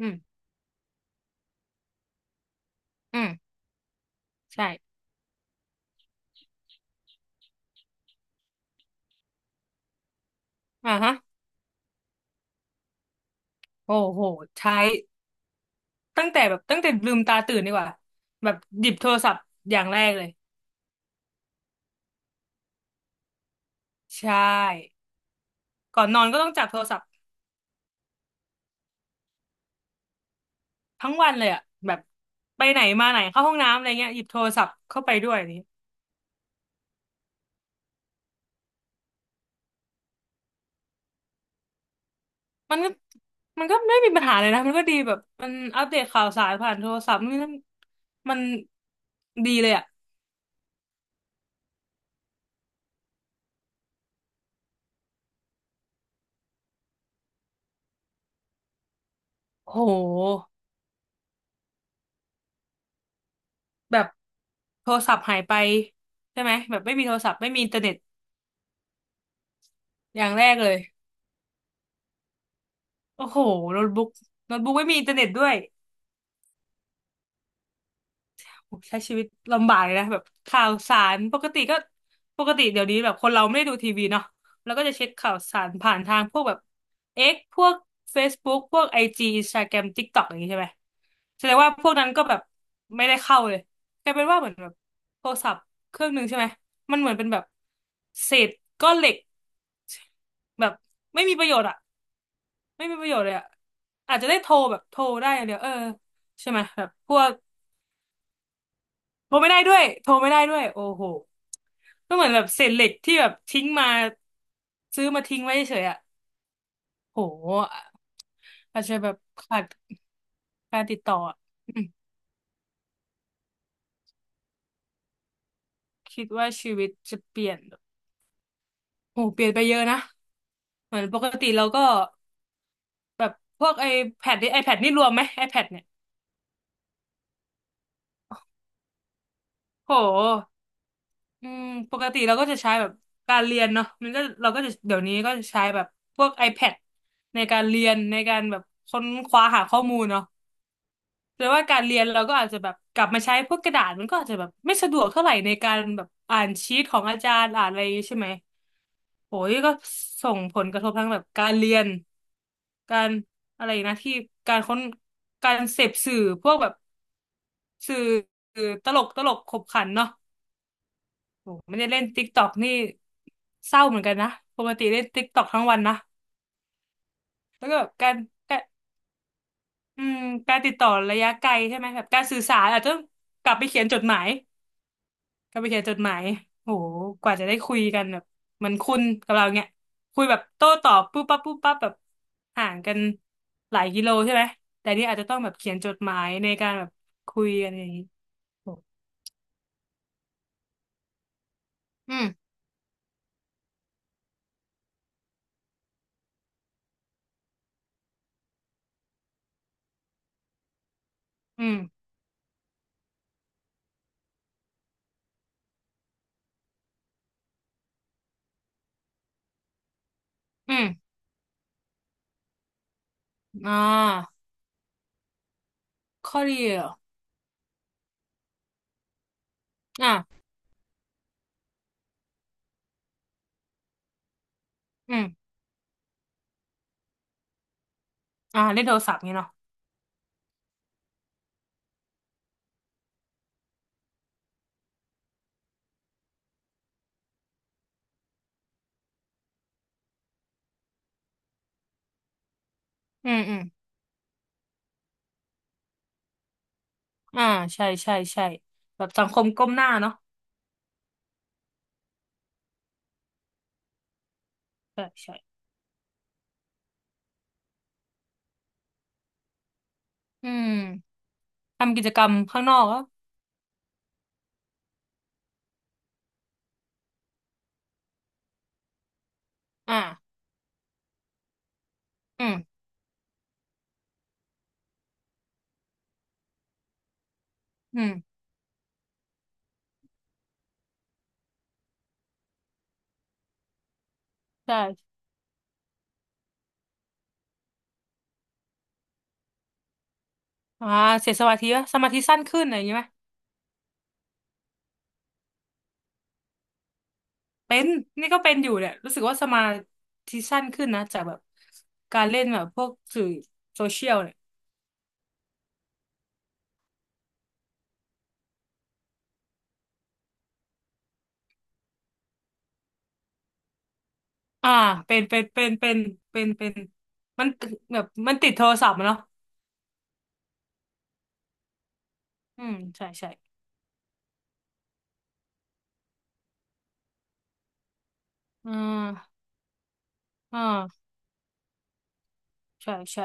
อืมอืมใช่อ่าฮะโอ้โหใช้ตั้งแต่แบบตั้งแต่ลืมตาตื่นดีกว่าแบบหยิบโทรศัพท์อย่างแรกเลยใช่ก่อนนอนก็ต้องจับโทรศัพท์ทั้งวันเลยอะแบบไปไหนมาไหนเข้าห้องน้ำอะไรเงี้ยหยิบโทรศัพท์เข้าไปด้วยอันนี้มันก็มันก็ไม่มีปัญหาเลยนะมันก็ดีแบบมันอัปเดตข่าวสารผ่านโทรศัพท์นี่นั่นมันดีเลยอะโหแบบโทรศัพท์หายไปใช่ไหมแบบไม่มีโทรศัพท์ไม่มีอินเทอร์เน็ตอย่างแรกเลย โอ้โหโน้ตบุ๊กโน้ตบุ๊กไม่มีอินเทอร์เน็ตด้วยโอ้ใช้ชีวิตลำบากเลยนะ แบบข่าวสาร ปกติก็ปกติเดี๋ยวนี้แบบคนเราไม่ได้ดูทีวีเนาะแล้วก็จะเช็คข่าวสารผ่านทางพวกแบบ X พวก Facebook พวก IG Instagram TikTok อย่างนี้ใช่ไหมแสดงว่าพวกนั้นก็แบบไม่ได้เข้าเลยกลายเป็นว่าเหมือนแบบโทรศัพท์เครื่องหนึ่งใช่ไหมมันเหมือนเป็นแบบเศษก้อนเหล็กแบบไม่มีประโยชน์อะ ไม่มีประโยชน์เลยอะอาจจะได้โทรแบบโทรได้อย่างเดียวเออใช่ไหมแบบพวกโทรไม่ได้ด้วยโทรไม่ได้ด้วยโอ้โหก็เหมือนแบบเศษเหล็กที่แบบทิ้งมาซื้อมาทิ้งไว้เฉยๆอะโหอาจจะแบบขาดการติดต่ออะอืมคิดว่าชีวิตจะเปลี่ยนแบบโหเปลี่ยนไปเยอะนะเหมือนปกติเราก็แบบพวกไอแพดนี่รวมไหมไอแพดเนี่ยโห อืมปกติเราก็จะใช้แบบการเรียนเนาะมันก็เราก็จะเดี๋ยวนี้ก็จะใช้แบบพวก iPad ในการเรียนในการแบบค้นคว้าหาข้อมูลเนาะแต่ว่าการเรียนเราก็อาจจะแบบกลับมาใช้พวกกระดาษมันก็อาจจะแบบไม่สะดวกเท่าไหร่ในการแบบอ่านชีทของอาจารย์อ่านอะไรอย่างงี้ใช่ไหมโหยก็ส่งผลกระทบทั้งแบบการเรียนการอะไรนะที่การค้นการเสพสื่อพวกแบบสื่อตลกขบขันเนาะ โหไม่ได้เล่นติ๊กตอกนี่เศร้าเหมือนกันนะปกติเล่นติ๊กตอกทั้งวันนะแล้วก็แบบการการอืมการติดต่อระยะไกลใช่ไหมแบบการสื่อสารอาจจะต้องกลับไปเขียนจดหมายกลับไปเขียนจดหมายโหกว่าจะได้คุยกันแบบเหมือนคุณกับเราเนี่ยคุยแบบโต้ตอบปุ๊บปั๊บแบบห่างกันหลายกิโลใช่ไหมแต่นี่อาจจะต้องแบบเขียนจดหมายในการแบบคุยกันอย่างนี้โหอืมอืมอืมอ่าข้อดีเหรออ่าอืมอ่าเล่นโทรศัพท์นี่เนาะ อืมอืมอ่าใช่ใช่ใช่แบบสังคมก้มหน้าเนาะใช่ใช่อืมทำกิจกรรมข้างนอกอ่อ่าอืมอืมใช่อ่าเสียสมาธิปะสมาธิสั้นขึ้นอะไรอย่างงี้ไหมเป็นนี่ก็เป็นอยู่เนี่ยรู้สึกว่าสมาธิสั้นขึ้นนะจากแบบการเล่นแบบพวกสื่อโซเชียลเนี่ยอ่าเป็นเป็นเป็นเป็นเป็นเป็นมันแบบมันติดโทรศัพท์อะเนาะอืมใช่ใช่อ่าอ่าใช่ใช่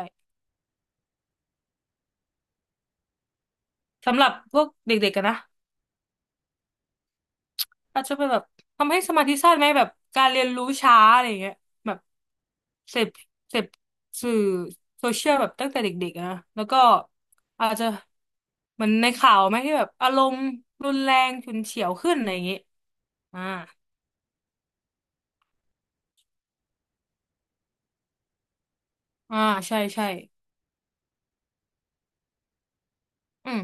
สำหรับพวกเด็กๆกันนะ อาจจะเป็นแบบทำให้สมาธิสั้นไหมแบบการเรียนรู้ช้าอะไรอย่างเงี้ยแบบเสพเสพสื่อโซเชียลแบบตั้งแต่เด็กๆอะนะแล้วก็อาจจะเหมือนในข่าวไหมที่แบบอารมณ์รุนแรงฉุนเฉียวขึ้นอะไรอย่างเงี้ยอ่าอ่าใช่ใช่อืม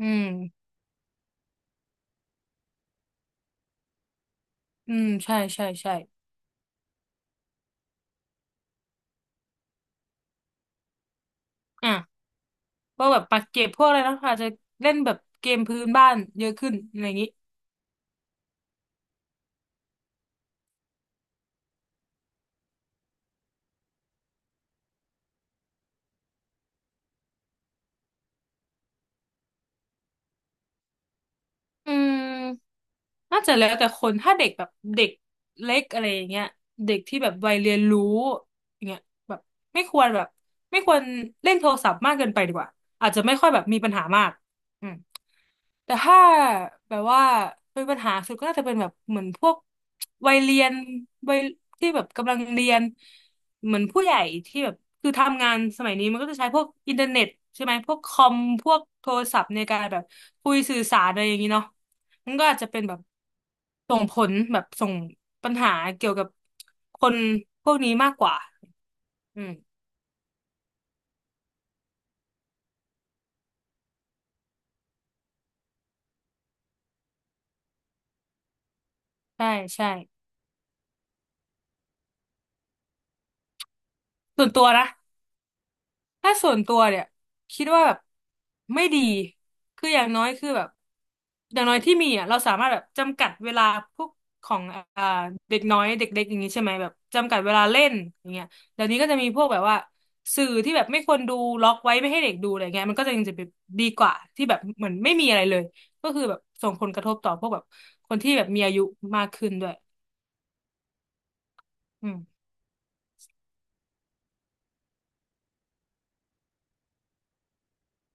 อืมอืมใช่ใช่ใช่อ่ะพวกแบบปักเก็บพวกอะไรนะอาจจะเล่นแบบเกมพื้นบ้านเยอะขึ้นอะไรอย่างงี้ อืมน่าจะแล้วแต่คนถ้าเด็กแบบเด็กเล็กอะไรอย่างเงี้ยเด็กที่แบบวัยเรียนรู้อย่างเงี้ยแบบไม่ควรแบบไม่ควรเล่นโทรศัพท์มากเกินไปดีกว่าอาจจะไม่ค่อยแบบมีปัญหามากอืมแต่ถ้าแบบว่าเป็นปัญหาสุดก็น่าจะเป็นแบบเหมือนพวกวัยเรียนวัยที่แบบกำลังเรียนเหมือนผู้ใหญ่ที่แบบคือทำงานสมัยนี้มันก็จะใช้พวกอินเทอร์เน็ตใช่ไหมพวกคอมพวกโทรศัพท์ในการแบบคุยสื่อสารอะไรอย่างนี้เนาะ มันก็อาจจะเป็นแบบส่งผลแบบส่งปัญหาเกี่ยวกับคนพวกนี้มากกว่าอืมใช่ใช่ส่วนตัวนะ ถ้าส่วนตัวเนี่ยคิดว่าแบบไม่ดีคืออย่างน้อยคือแบบอย่างน้อยที่มีอ่ะเราสามารถแบบจำกัดเวลาพวกของอ่าเด็กน้อยเด็กเล็กอย่างนี้ใช่ไหมแบบจำกัดเวลาเล่นอย่างเงี้ยเดี๋ยวนี้ก็จะมีพวกแบบว่าสื่อที่แบบไม่ควรดูล็อกไว้ไม่ให้เด็กดูอะไรเงี้ยมันก็จะยังจะแบบดีกว่าที่แบบเหมือนไม่มีอะไรเลยก็คือแบบส่งผลกระทบต่อพวกแบบคนที่แบบมีอายุมากขึ้นด้วยอืม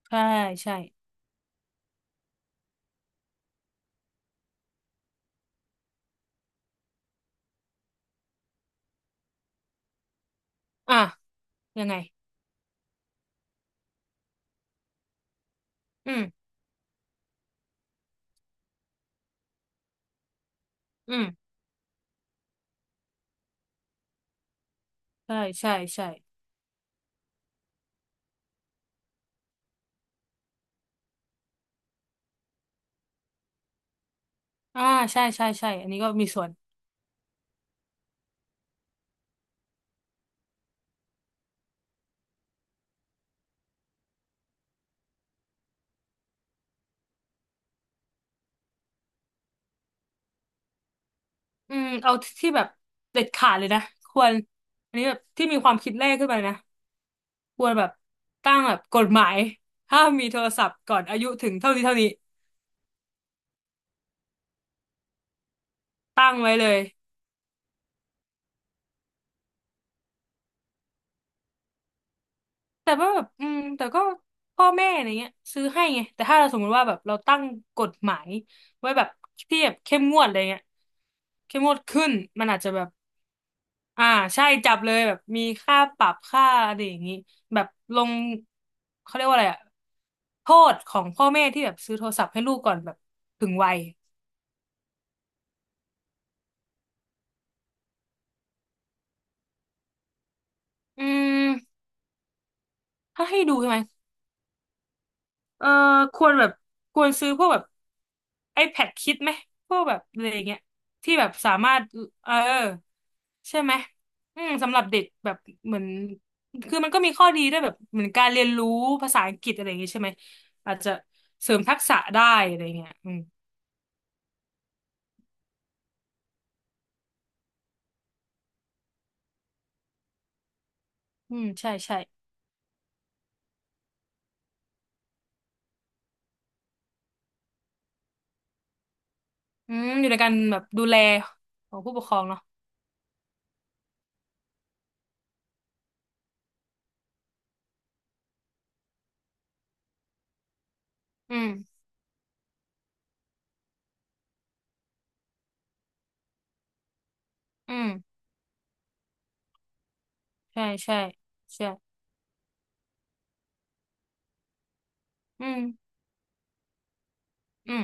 ใช่ใช่อ่ะยังไงอืมอืมใช่ใช่ใช่ อ่าใช่ใช่ใช่อันนี้ก็มีส่วนอืมเอาที่แบบเด็ดขาดเลยนะควรอันนี้แบบที่มีความคิดแรกขึ้นไปนะควรแบบตั้งแบบกฎหมายห้ามมีโทรศัพท์ก่อนอายุถึงเท่านี้เท่านี้ตั้งไว้เลยแต่ว่าแบบอืมแต่ก็พ่อแม่อะไรเงี้ยซื้อให้ไงแต่ถ้าเราสมมติว่าแบบเราตั้งกฎหมายไว้แบบที่แบบเข้มงวดอะไรเงี้ยเข้มงวดขึ้นมันอาจจะแบบ อ่าใช่จับเลยแบบมีค่าปรับค่าอะไรอย่างนี้แบบลงเขาเรียกว่าอะไรอะโทษของพ่อแม่ที่แบบซื้อโทรศัพท์ให้ลูกก่อนแบบถึงวัยอืมถ้าให้ดูใช่ไหมเออควรแบบควรซื้อพวกแบบ iPad คิดไหมพวกแบบอะไรอย่างเงี้ยที่แบบสามารถเออใช่ไหมอืมสำหรับเด็กแบบเหมือนคือมันก็มีข้อดีด้วยแบบเหมือนการเรียนรู้ภาษาอังกฤษอะไรอย่างเงี้ยใช่ไหมอาจจะเสริมทักษะได้อะไรเงี้ยอืม อืมใช่ใช่อืมอยู่ในการแบบดูแลของผู้ปกครองเนาะอืมอืมใช่ใช่ใช่ อืมอืม